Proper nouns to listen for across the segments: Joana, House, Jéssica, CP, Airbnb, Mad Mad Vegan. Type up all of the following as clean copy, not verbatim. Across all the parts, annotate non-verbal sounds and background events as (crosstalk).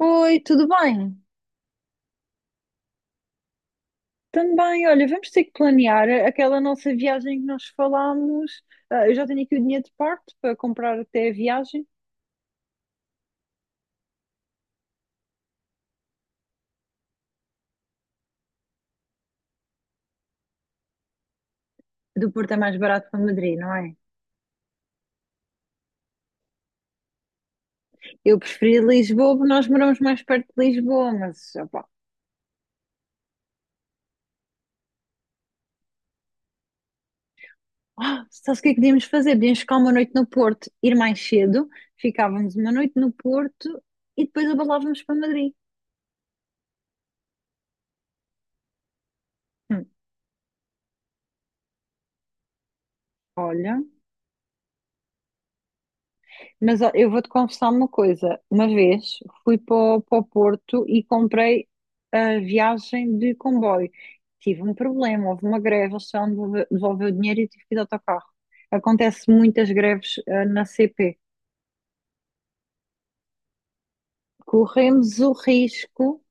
Oi, tudo bem? Também, olha, vamos ter que planear aquela nossa viagem que nós falámos. Eu já tenho aqui o dinheiro de parte para comprar até a viagem. Do Porto é mais barato para Madrid, não é? Eu preferi Lisboa, porque nós moramos mais perto de Lisboa, mas opá. Ah, sabes o que é que podíamos fazer? Podíamos ficar uma noite no Porto, ir mais cedo, ficávamos uma noite no Porto e depois abalávamos para Madrid. Hum, olha. Mas ó, eu vou-te confessar uma coisa. Uma vez fui para o Porto e comprei a viagem de comboio. Tive um problema, houve uma greve, eles só me devolveu o dinheiro e eu tive que ir de autocarro. Acontece muitas greves na CP. Corremos o risco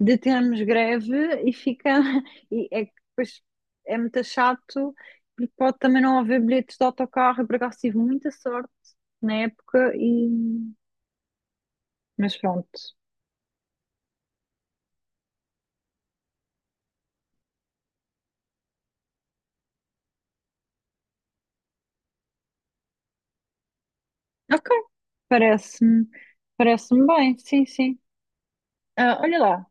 de termos greve e fica. (laughs) E é que depois é muito chato, porque pode também não haver bilhetes de autocarro. Eu por acaso tive muita sorte na época e. Mas pronto. Ok, parece-me, parece-me bem, sim, sim. Ah, olha lá,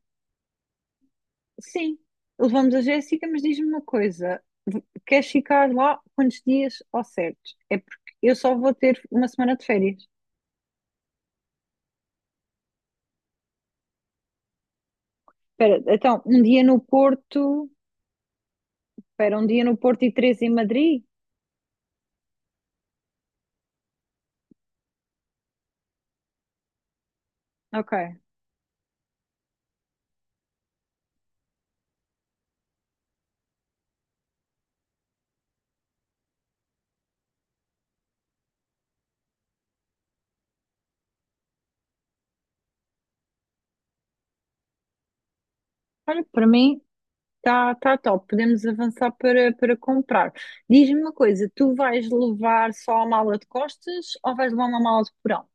sim, levamos a Jéssica, mas diz-me uma coisa, queres ficar lá quantos dias ao certo? É porque eu só vou ter uma semana de férias. Espera, então, um dia no Porto, espera, um dia no Porto e três em Madrid? Ok. Olha, para mim está top, podemos avançar para comprar. Diz-me uma coisa, tu vais levar só a mala de costas ou vais levar uma mala de porão?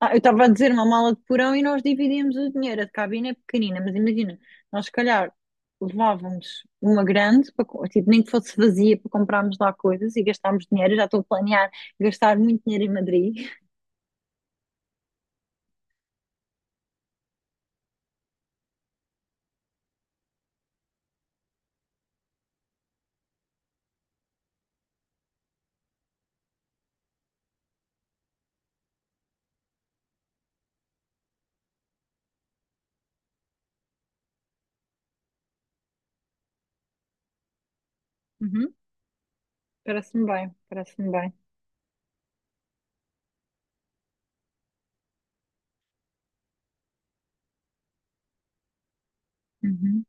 Ah, eu estava a dizer uma mala de porão e nós dividíamos o dinheiro. A de cabine é pequenina, mas imagina, nós se calhar levávamos uma grande, para, tipo, nem que fosse vazia para comprarmos lá coisas e gastarmos dinheiro. Eu já estou a planear gastar muito dinheiro em Madrid. Uhum. Parece-me bem, parece-me bem. Uhum.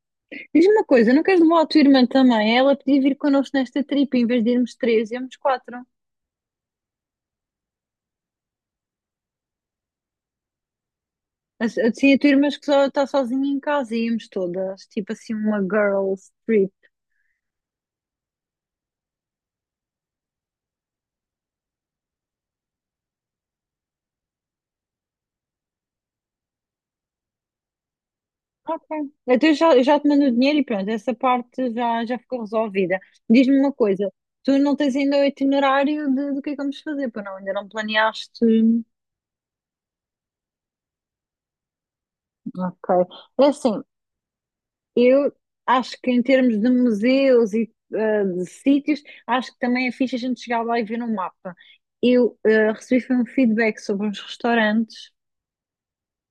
Diz-me uma coisa, não queres levar a tua irmã também? Ela podia vir connosco nesta tripa, em vez de irmos três, íamos quatro. Assim, a tua irmã que só está sozinha em casa, íamos todas, tipo assim, uma girls trip. Ok. Então eu já te mando o dinheiro e pronto, essa parte já, já ficou resolvida. Diz-me uma coisa, tu não tens ainda o itinerário do que é que vamos fazer, pois não? Ainda não planeaste? Ok. É assim, eu acho que em termos de museus e de sítios, acho que também é fixe a gente chegar lá e ver no mapa. Eu recebi foi um feedback sobre uns restaurantes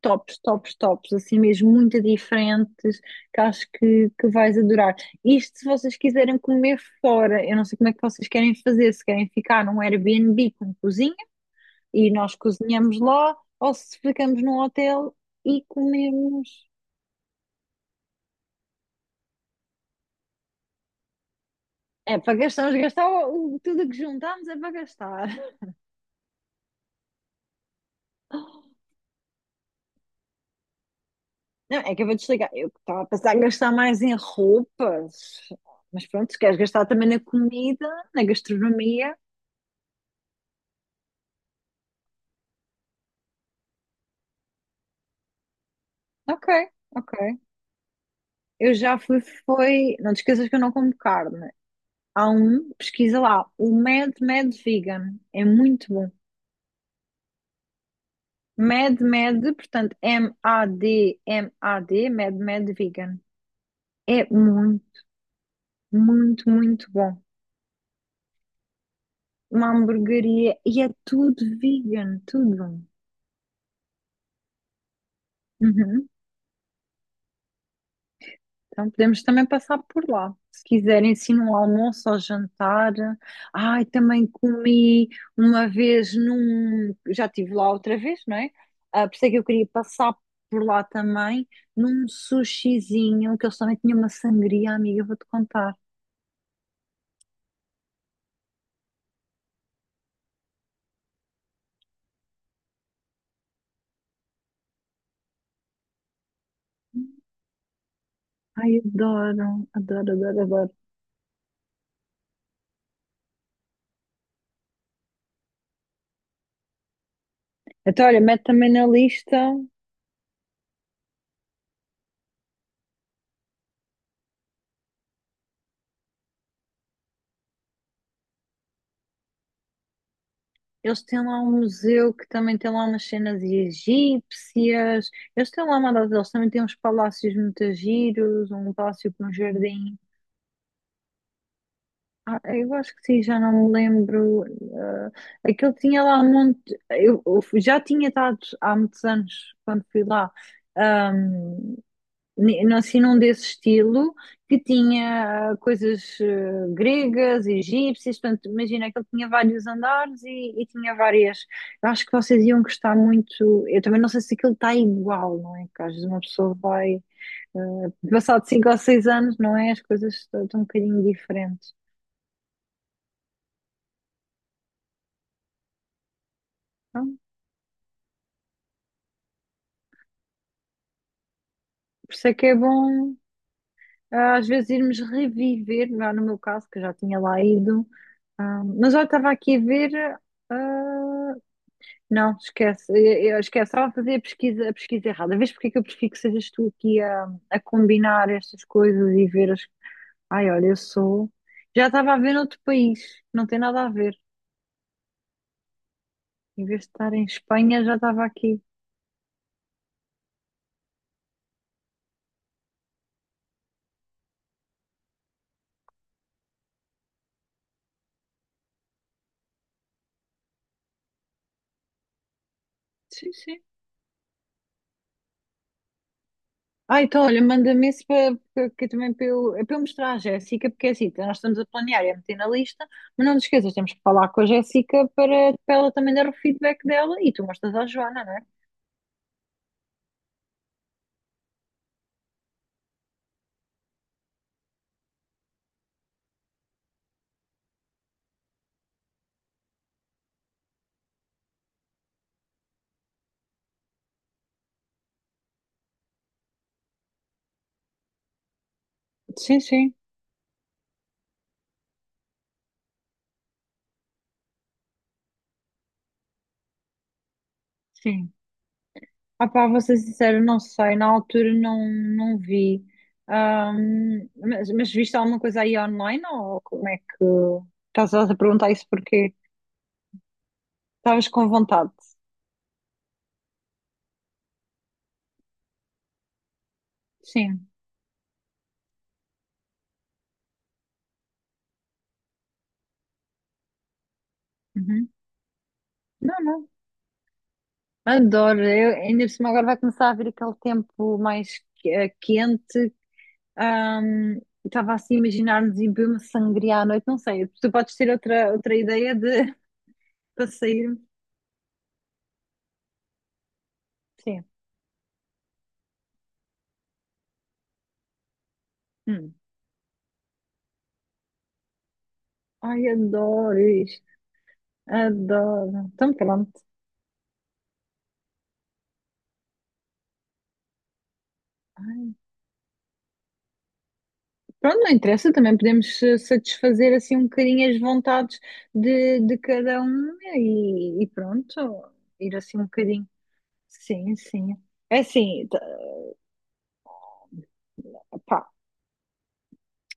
tops, tops, tops, assim mesmo muito diferentes, que acho que vais adorar. Isto se vocês quiserem comer fora, eu não sei como é que vocês querem fazer, se querem ficar num Airbnb com cozinha e nós cozinhamos lá, ou se ficamos num hotel e comemos. É para gastar, vamos gastar tudo o que juntámos é para gastar. Não, é que eu vou desligar. Eu que estava a pensar em gastar mais em roupas, mas pronto, se queres gastar também na comida, na gastronomia. Ok, ok. Eu já fui, foi. Não te esqueças que eu não como carne. Há um, pesquisa lá, o Mad Mad Vegan. É muito bom. Mad Mad, portanto, M-A-D-M-A-D, Mad Mad Vegan. É muito, muito, muito bom. Uma hamburgueria e é tudo vegan, tudo. Uhum. Então podemos também passar por lá. Se quiserem, sim, um almoço ou jantar. Ai, também comi uma vez num. Já estive lá outra vez, não é? Ah, por isso é que eu queria passar por lá também, num sushizinho, que eles também tinham uma sangria, amiga, eu vou-te contar. Ai, adoro, adoro, adoro, adoro. Então, olha, mete também na lista. Eles têm lá um museu que também tem lá umas cenas egípcias. Eles têm lá uma data, eles também têm uns palácios muito giros, um palácio com um jardim. Ah, eu acho que sim, já não me lembro. Ah, aquele tinha lá um monte. Eu já tinha estado há muitos anos quando fui lá assim num desse estilo, que tinha coisas gregas, egípcias, portanto, imagina que ele tinha vários andares e tinha várias. Eu acho que vocês iam gostar muito. Eu também não sei se aquilo está igual, não é? Que às vezes uma pessoa vai, passado cinco ou seis anos, não é? As coisas estão um bocadinho diferentes. Então, por isso é que é bom. Às vezes irmos reviver, lá no meu caso, que eu já tinha lá ido, mas eu estava aqui a ver, ah, não, esquece. Eu esquece. Estava a fazer a pesquisa errada. Vês porque é que eu prefiro que sejas tu aqui a combinar estas coisas e ver as. Ai, olha, eu sou. Já estava a ver noutro país. Não tem nada a ver. Em vez de estar em Espanha, já estava aqui. Sim, sim. Ah, então, olha, manda-me esse que também para eu, é para eu mostrar à Jéssica, porque é assim, nós estamos a planear e a meter na lista, mas não te esqueças, temos que falar com a Jéssica para ela também dar o feedback dela e tu mostras à Joana, não é? Sim, sim. Sim. Ah pá, vou ser sincera, não sei, na altura não, não vi. Mas viste alguma coisa aí online ou como é que estás a perguntar isso porque estavas com vontade? Sim. Uhum. Não, não. Adoro. Eu, ainda por cima agora vai começar a vir aquele tempo mais quente. Ahm, Estava assim a imaginar-nos em beber uma sangria à noite, não sei. Tu podes ter outra ideia de (laughs) para sair? Sim. Hum. Ai, adoro isto. Adoro. Então, pronto. Pronto, não interessa, também podemos satisfazer assim um bocadinho as vontades de cada um né, e pronto, ir assim um bocadinho. Sim, sim. É assim, pá,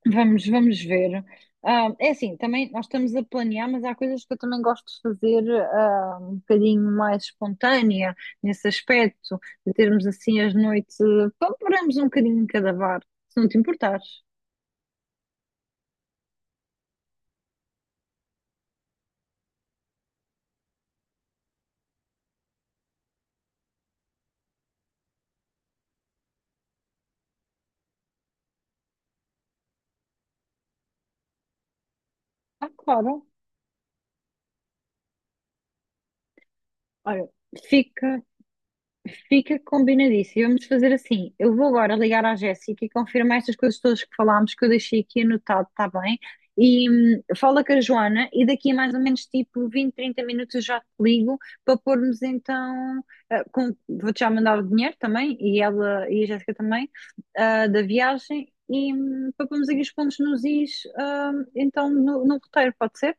vamos ver. Ah, é assim, também nós estamos a planear, mas há coisas que eu também gosto de fazer um bocadinho mais espontânea nesse aspecto, de termos assim as noites, pá, paramos um bocadinho em cada bar, se não te importares. Ah, claro. Olha, fica. Fica combinadíssimo. Vamos fazer assim. Eu vou agora ligar à Jéssica e confirmar estas coisas todas que falámos, que eu deixei aqui anotado, está bem? E fala com a Joana e daqui a mais ou menos tipo 20 30 minutos eu já te ligo para pormos então. Vou-te já mandar o dinheiro também e ela e a Jéssica também da viagem e para pormos aqui os pontos nos is então no roteiro, pode ser?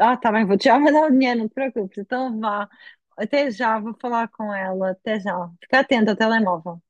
Ah, tá bem, vou-te já (laughs) mandar o dinheiro, não te preocupes. Então vá. Até já, vou falar com ela. Até já. Fica atenta ao telemóvel.